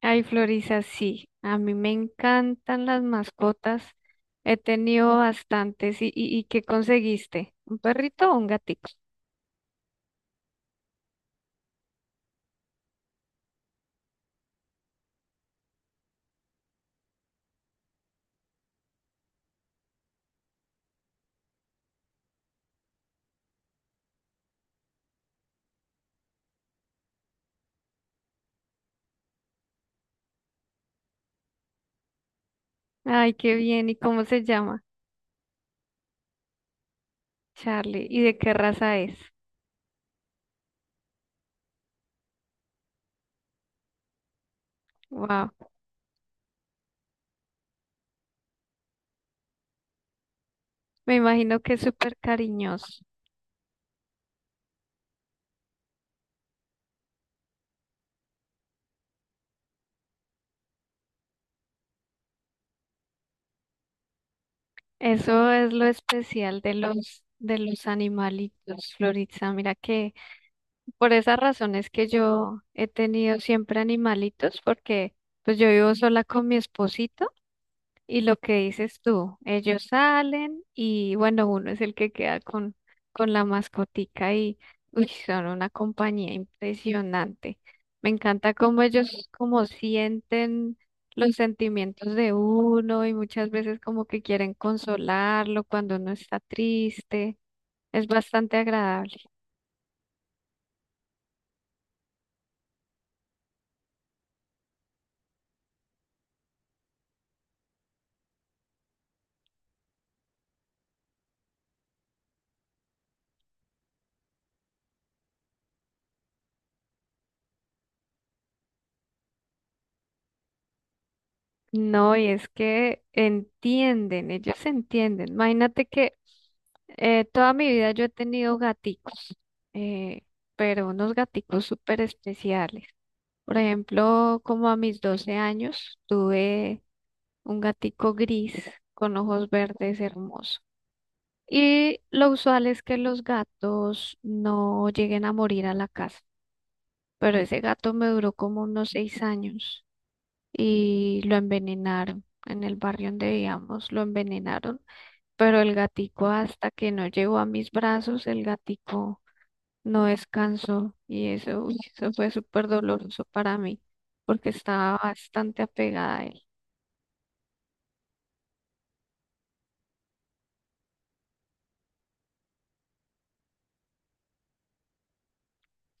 Ay, Florisa, sí, a mí me encantan las mascotas. He tenido bastantes. ¿Y qué conseguiste? ¿Un perrito o un gatito? Ay, qué bien. ¿Y cómo se llama? Charlie. ¿Y de qué raza es? Wow. Me imagino que es súper cariñoso. Eso es lo especial de los animalitos, Florisa. Mira que por esas razones que yo he tenido siempre animalitos, porque pues yo vivo sola con mi esposito. Y lo que dices tú, ellos salen y bueno, uno es el que queda con la mascotica y uy, son una compañía impresionante. Me encanta cómo ellos como sienten los sentimientos de uno y muchas veces como que quieren consolarlo cuando uno está triste. Es bastante agradable. No, y es que entienden, ellos entienden. Imagínate que toda mi vida yo he tenido gaticos, eh, pero unos gaticos súper especiales. Por ejemplo, como a mis 12 años tuve un gatico gris con ojos verdes hermoso. Y lo usual es que los gatos no lleguen a morir a la casa, pero ese gato me duró como unos 6 años y lo envenenaron. En el barrio donde vivíamos lo envenenaron, pero el gatico hasta que no llegó a mis brazos, el gatico no descansó y eso, uy, eso fue súper doloroso para mí porque estaba bastante apegada a él.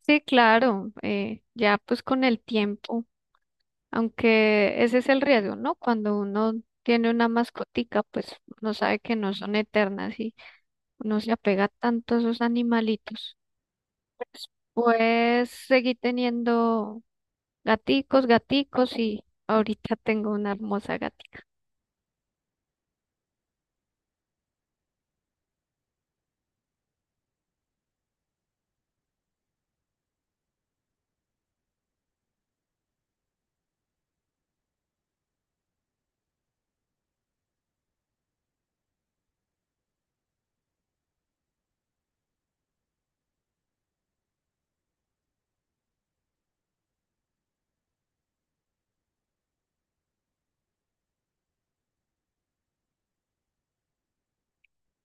Sí, claro, ya pues con el tiempo, aunque ese es el riesgo, ¿no? Cuando uno tiene una mascotica, pues no sabe que no son eternas y uno se apega tanto a esos animalitos. Pues seguí teniendo gaticos y ahorita tengo una hermosa gatica.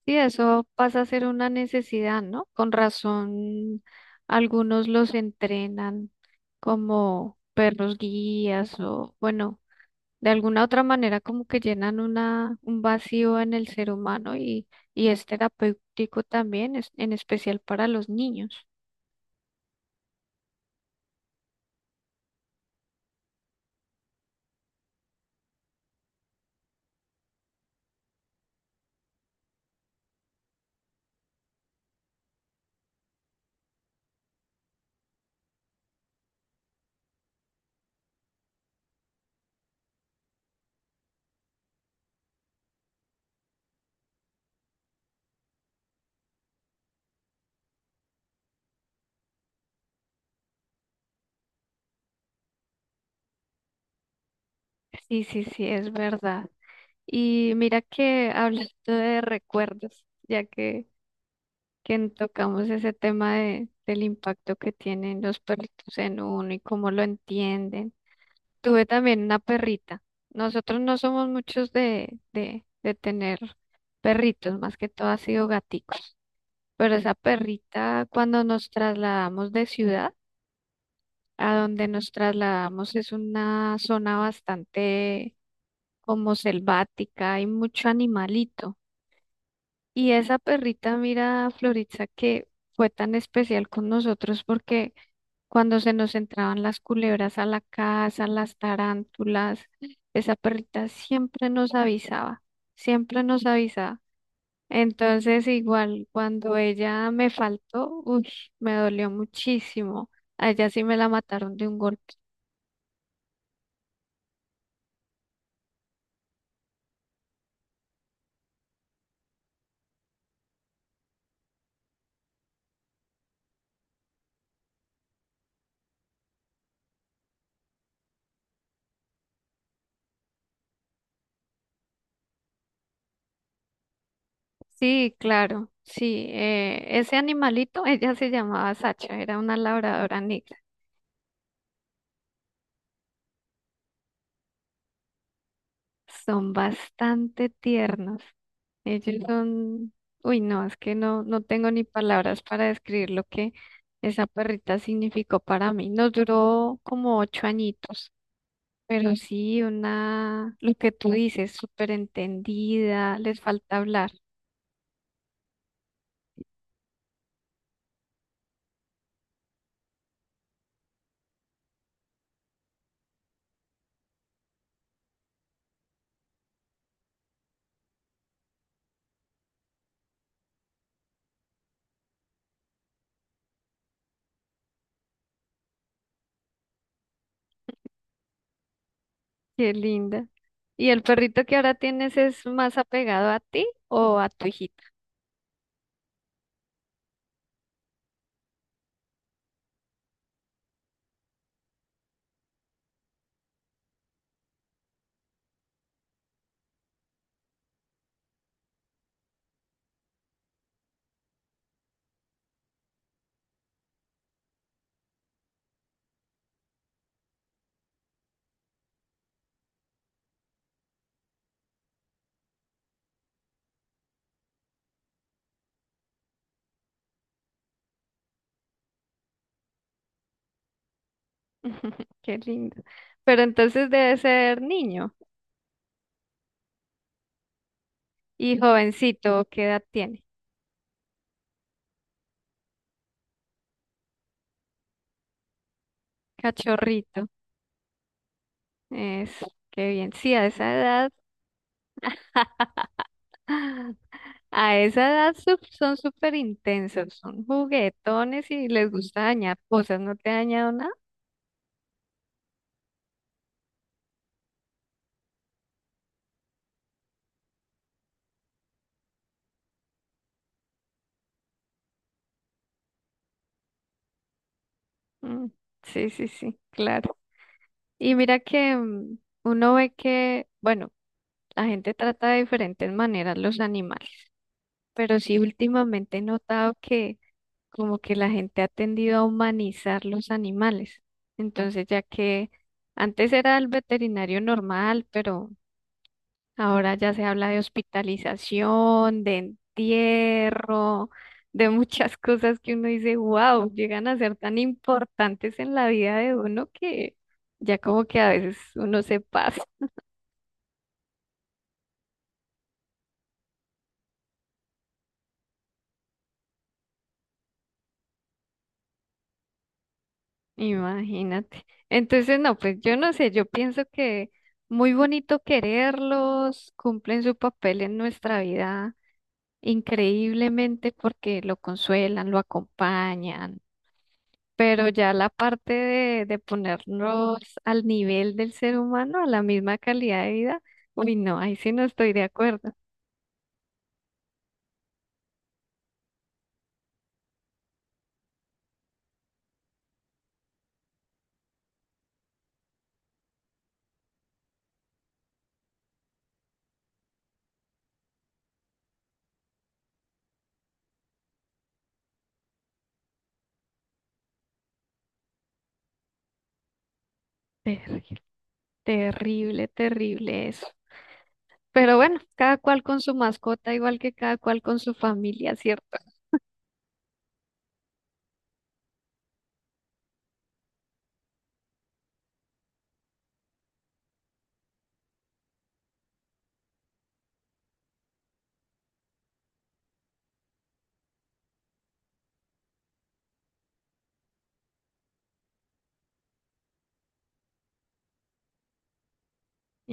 Sí, eso pasa a ser una necesidad, ¿no? Con razón, algunos los entrenan como perros guías o, bueno, de alguna otra manera como que llenan un vacío en el ser humano y es terapéutico también, en especial para los niños. Sí, sí, sí, es verdad. Y mira que hablando de recuerdos, que tocamos ese tema del impacto que tienen los perritos en uno y cómo lo entienden. Tuve también una perrita. Nosotros no somos muchos de tener perritos, más que todo ha sido gaticos. Pero esa perrita, cuando nos trasladamos de ciudad, a donde nos trasladamos es una zona bastante como selvática, hay mucho animalito. Y esa perrita, mira, Floritza, que fue tan especial con nosotros porque cuando se nos entraban las culebras a la casa, las tarántulas, esa perrita siempre nos avisaba, siempre nos avisaba. Entonces, igual, cuando ella me faltó, uy, me dolió muchísimo. A ella sí me la mataron de un golpe. Sí, claro, sí. Ese animalito, ella se llamaba Sacha, era una labradora negra. Son bastante tiernos. Ellos Ujú. Son, uy, no, es que no tengo ni palabras para describir lo que esa perrita significó para mí. Nos duró como 8 añitos, pero Ujú. Sí una, lo que tú dices, súper entendida, les falta hablar, qué linda. ¿Y el perrito que ahora tienes es más apegado a ti o a tu hijita? Qué lindo. Pero entonces debe ser niño y jovencito, ¿qué edad tiene? Cachorrito. Eso, qué bien. Sí, a esa edad. A esa edad son súper intensos, son juguetones y les gusta dañar cosas. ¿No te ha dañado nada? Mm, sí, sí, sí, claro. Y mira que mm, uno ve que, bueno, la gente trata de diferentes maneras los animales, pero sí últimamente he notado que como que la gente ha tendido a humanizar los animales. Entonces, ya que antes era el veterinario normal, pero ahora ya se habla de hospitalización, de entierro, de muchas cosas que uno dice, wow, llegan a ser tan importantes en la vida de uno que ya como que a veces uno se pasa, imagínate. Entonces, no, pues yo no sé, yo pienso que muy bonito quererlos, cumplen su papel en nuestra vida increíblemente porque lo consuelan, lo acompañan. Pero ya la parte de ponernos al nivel del ser humano, a la misma calidad de vida, uy, no, ahí sí no estoy de acuerdo. Terrible, terrible, terrible eso. Pero bueno, cada cual con su mascota, igual que cada cual con su familia, ¿cierto?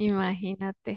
Imagínate.